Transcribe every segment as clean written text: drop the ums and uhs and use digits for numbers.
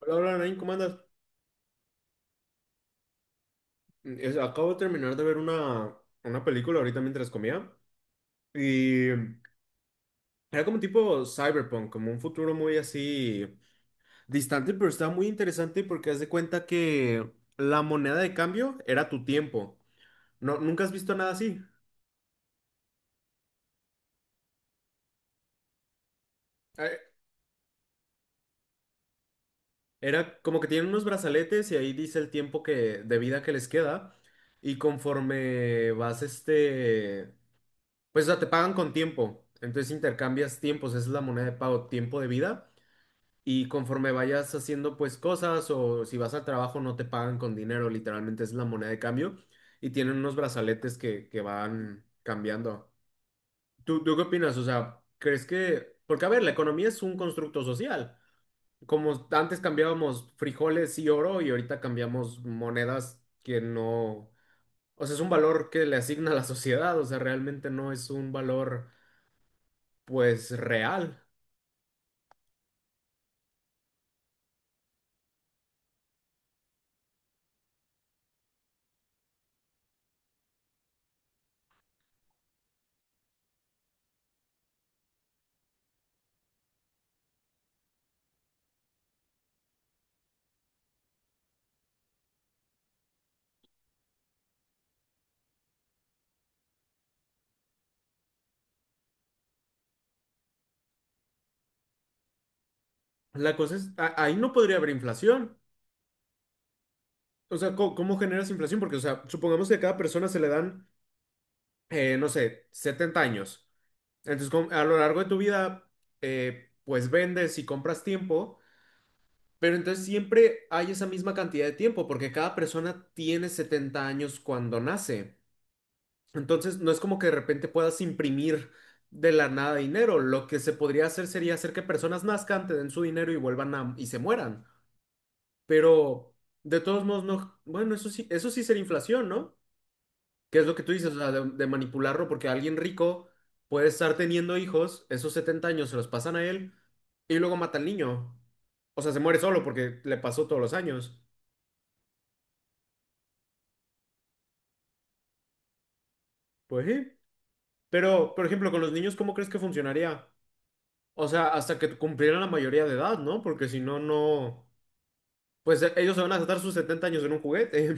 Hola, hola, Nain, ¿cómo andas? Acabo de terminar de ver una película ahorita mientras comía y era como tipo cyberpunk, como un futuro muy así distante, pero estaba muy interesante porque haz de cuenta que la moneda de cambio era tu tiempo. No, ¿nunca has visto nada así? Eh, Era como que tienen unos brazaletes y ahí dice el de vida que les queda y conforme vas pues o sea, te pagan con tiempo, entonces intercambias tiempos, esa es la moneda de pago, tiempo de vida. Y conforme vayas haciendo pues cosas o si vas al trabajo no te pagan con dinero, literalmente es la moneda de cambio y tienen unos brazaletes que van cambiando. ¿Tú qué opinas? O sea, ¿crees que... Porque a ver, la economía es un constructo social. Como antes cambiábamos frijoles y oro y ahorita cambiamos monedas que no... O sea, es un valor que le asigna a la sociedad, o sea, realmente no es un valor pues real. La cosa es, ahí no podría haber inflación. O sea, ¿cómo generas inflación? Porque, o sea, supongamos que a cada persona se le dan, no sé, 70 años. Entonces, a lo largo de tu vida, pues vendes y compras tiempo, pero entonces siempre hay esa misma cantidad de tiempo, porque cada persona tiene 70 años cuando nace. Entonces, no es como que de repente puedas imprimir de la nada dinero. Lo que se podría hacer sería hacer que personas nazcan, te den su dinero y vuelvan y se mueran. Pero, de todos modos, no. Bueno, eso sí sería inflación, ¿no? ¿Qué es lo que tú dices? O sea, de manipularlo, porque alguien rico puede estar teniendo hijos, esos 70 años se los pasan a él y luego mata al niño. O sea, se muere solo porque le pasó todos los años. Pues sí. Pero, por ejemplo, con los niños, ¿cómo crees que funcionaría? O sea, hasta que cumplieran la mayoría de edad, ¿no? Porque si no, no. Pues ellos se van a gastar sus 70 años en un juguete.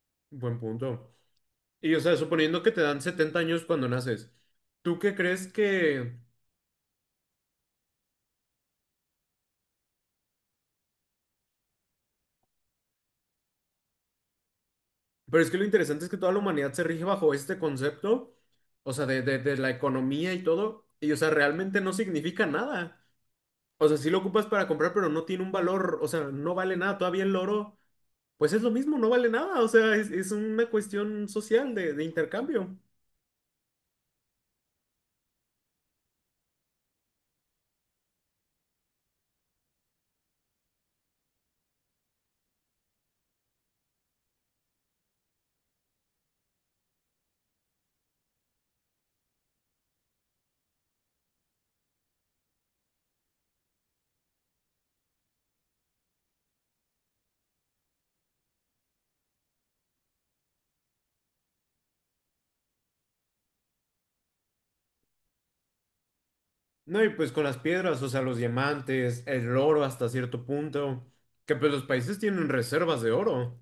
Buen punto. Y, o sea, suponiendo que te dan 70 años cuando naces, ¿tú qué crees que...? Pero es que lo interesante es que toda la humanidad se rige bajo este concepto. O sea, de la economía y todo, y o sea, realmente no significa nada. O sea, sí lo ocupas para comprar, pero no tiene un valor, o sea, no vale nada. Todavía el oro, pues es lo mismo, no vale nada. O sea, es una cuestión social de intercambio. No, y pues con las piedras, o sea, los diamantes, el oro hasta cierto punto, que pues los países tienen reservas de oro.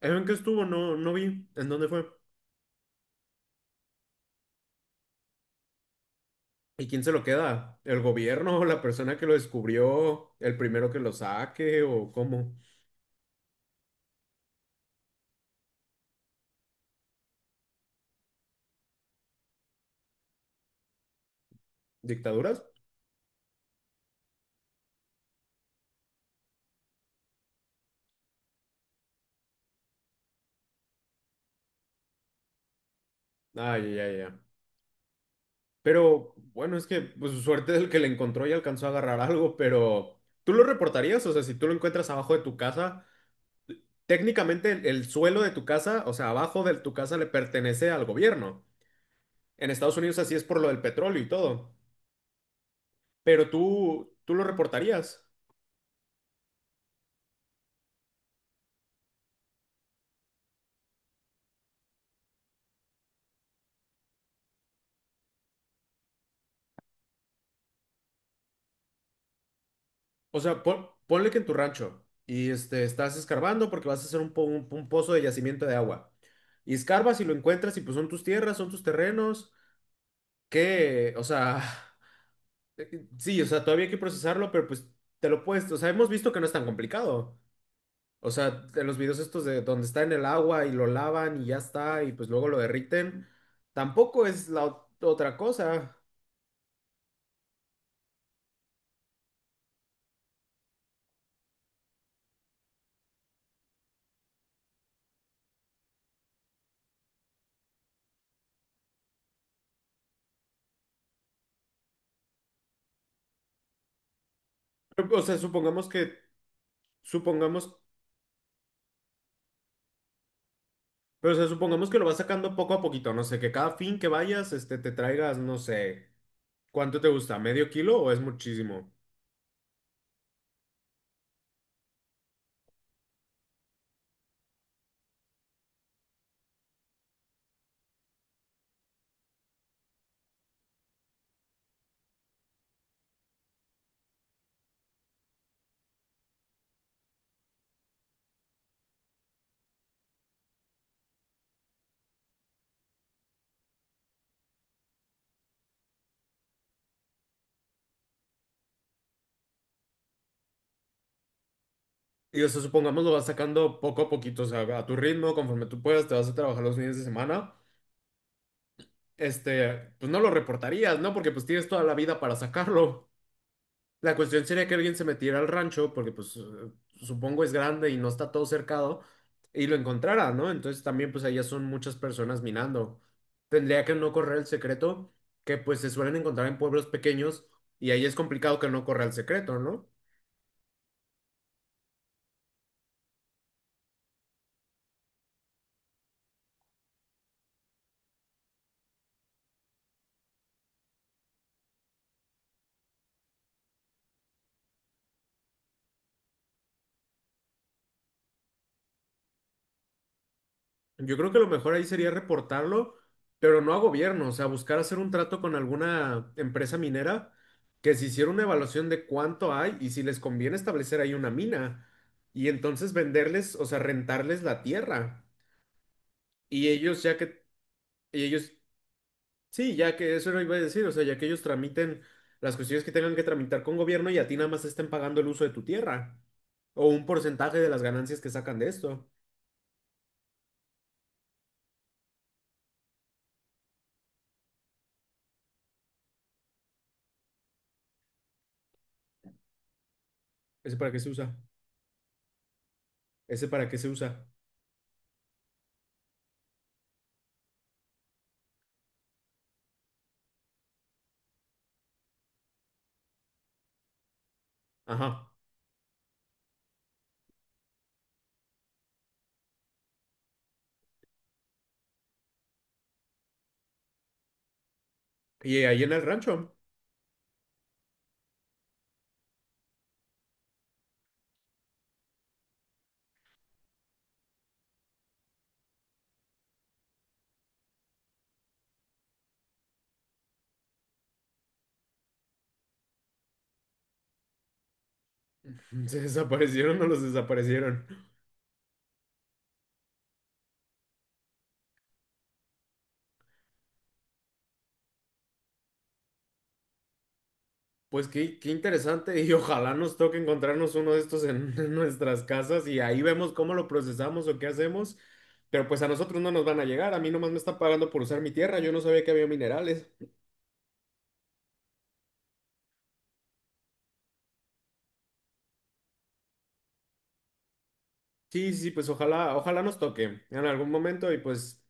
¿En qué estuvo? No, no vi. ¿En dónde fue? ¿Y quién se lo queda? ¿El gobierno? ¿La persona que lo descubrió? ¿El primero que lo saque? ¿O cómo? ¿Dictaduras? Ah, ya, ya, ya. Pero bueno, es que pues su suerte es el que le encontró y alcanzó a agarrar algo, pero ¿tú lo reportarías? O sea, si tú lo encuentras abajo de tu casa, técnicamente el suelo de tu casa, o sea, abajo de tu casa le pertenece al gobierno. En Estados Unidos así es por lo del petróleo y todo. Pero tú lo reportarías. O sea, ponle que en tu rancho y este, estás escarbando porque vas a hacer un, un pozo de yacimiento de agua. Y escarbas y lo encuentras y pues son tus tierras, son tus terrenos. ¿Qué? O sea... Eh, Sí, o sea, todavía hay que procesarlo, pero pues te lo puedes, o sea, hemos visto que no es tan complicado. O sea, en los videos estos de donde está en el agua y lo lavan y ya está, y pues luego lo derriten, tampoco es la otra cosa. Pero, o sea, supongamos, pero o sea, supongamos que lo vas sacando poco a poquito, no sé, que cada fin que vayas, este, te traigas, no sé, ¿cuánto te gusta? ¿Medio kilo o es muchísimo? Y o sea, supongamos lo vas sacando poco a poquito, o sea, a tu ritmo, conforme tú puedas, te vas a trabajar los fines de semana. Este, pues no lo reportarías, ¿no? Porque pues tienes toda la vida para sacarlo. La cuestión sería que alguien se metiera al rancho, porque pues supongo es grande y no está todo cercado, y lo encontrara, ¿no? Entonces también pues allá son muchas personas minando. Tendría que no correr el secreto, que pues se suelen encontrar en pueblos pequeños, y ahí es complicado que no corra el secreto, ¿no? Yo creo que lo mejor ahí sería reportarlo, pero no a gobierno, o sea, buscar hacer un trato con alguna empresa minera que se hiciera una evaluación de cuánto hay y si les conviene establecer ahí una mina y entonces venderles, o sea, rentarles la tierra. Y ellos y ellos, sí, ya que eso lo iba a decir, o sea, ya que ellos tramiten las cuestiones que tengan que tramitar con gobierno y a ti nada más te estén pagando el uso de tu tierra o un porcentaje de las ganancias que sacan de esto. ¿Ese para qué se usa? Ajá. Y ahí en el rancho se desaparecieron o los desaparecieron. Pues qué interesante y ojalá nos toque encontrarnos uno de estos en, en nuestras casas y ahí vemos cómo lo procesamos o qué hacemos. Pero pues a nosotros no nos van a llegar, a mí nomás me está pagando por usar mi tierra, yo no sabía que había minerales. Sí, sí, pues ojalá, ojalá nos toque en algún momento y pues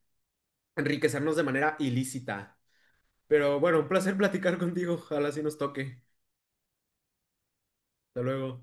enriquecernos de manera ilícita. Pero bueno, un placer platicar contigo, ojalá sí nos toque. Hasta luego.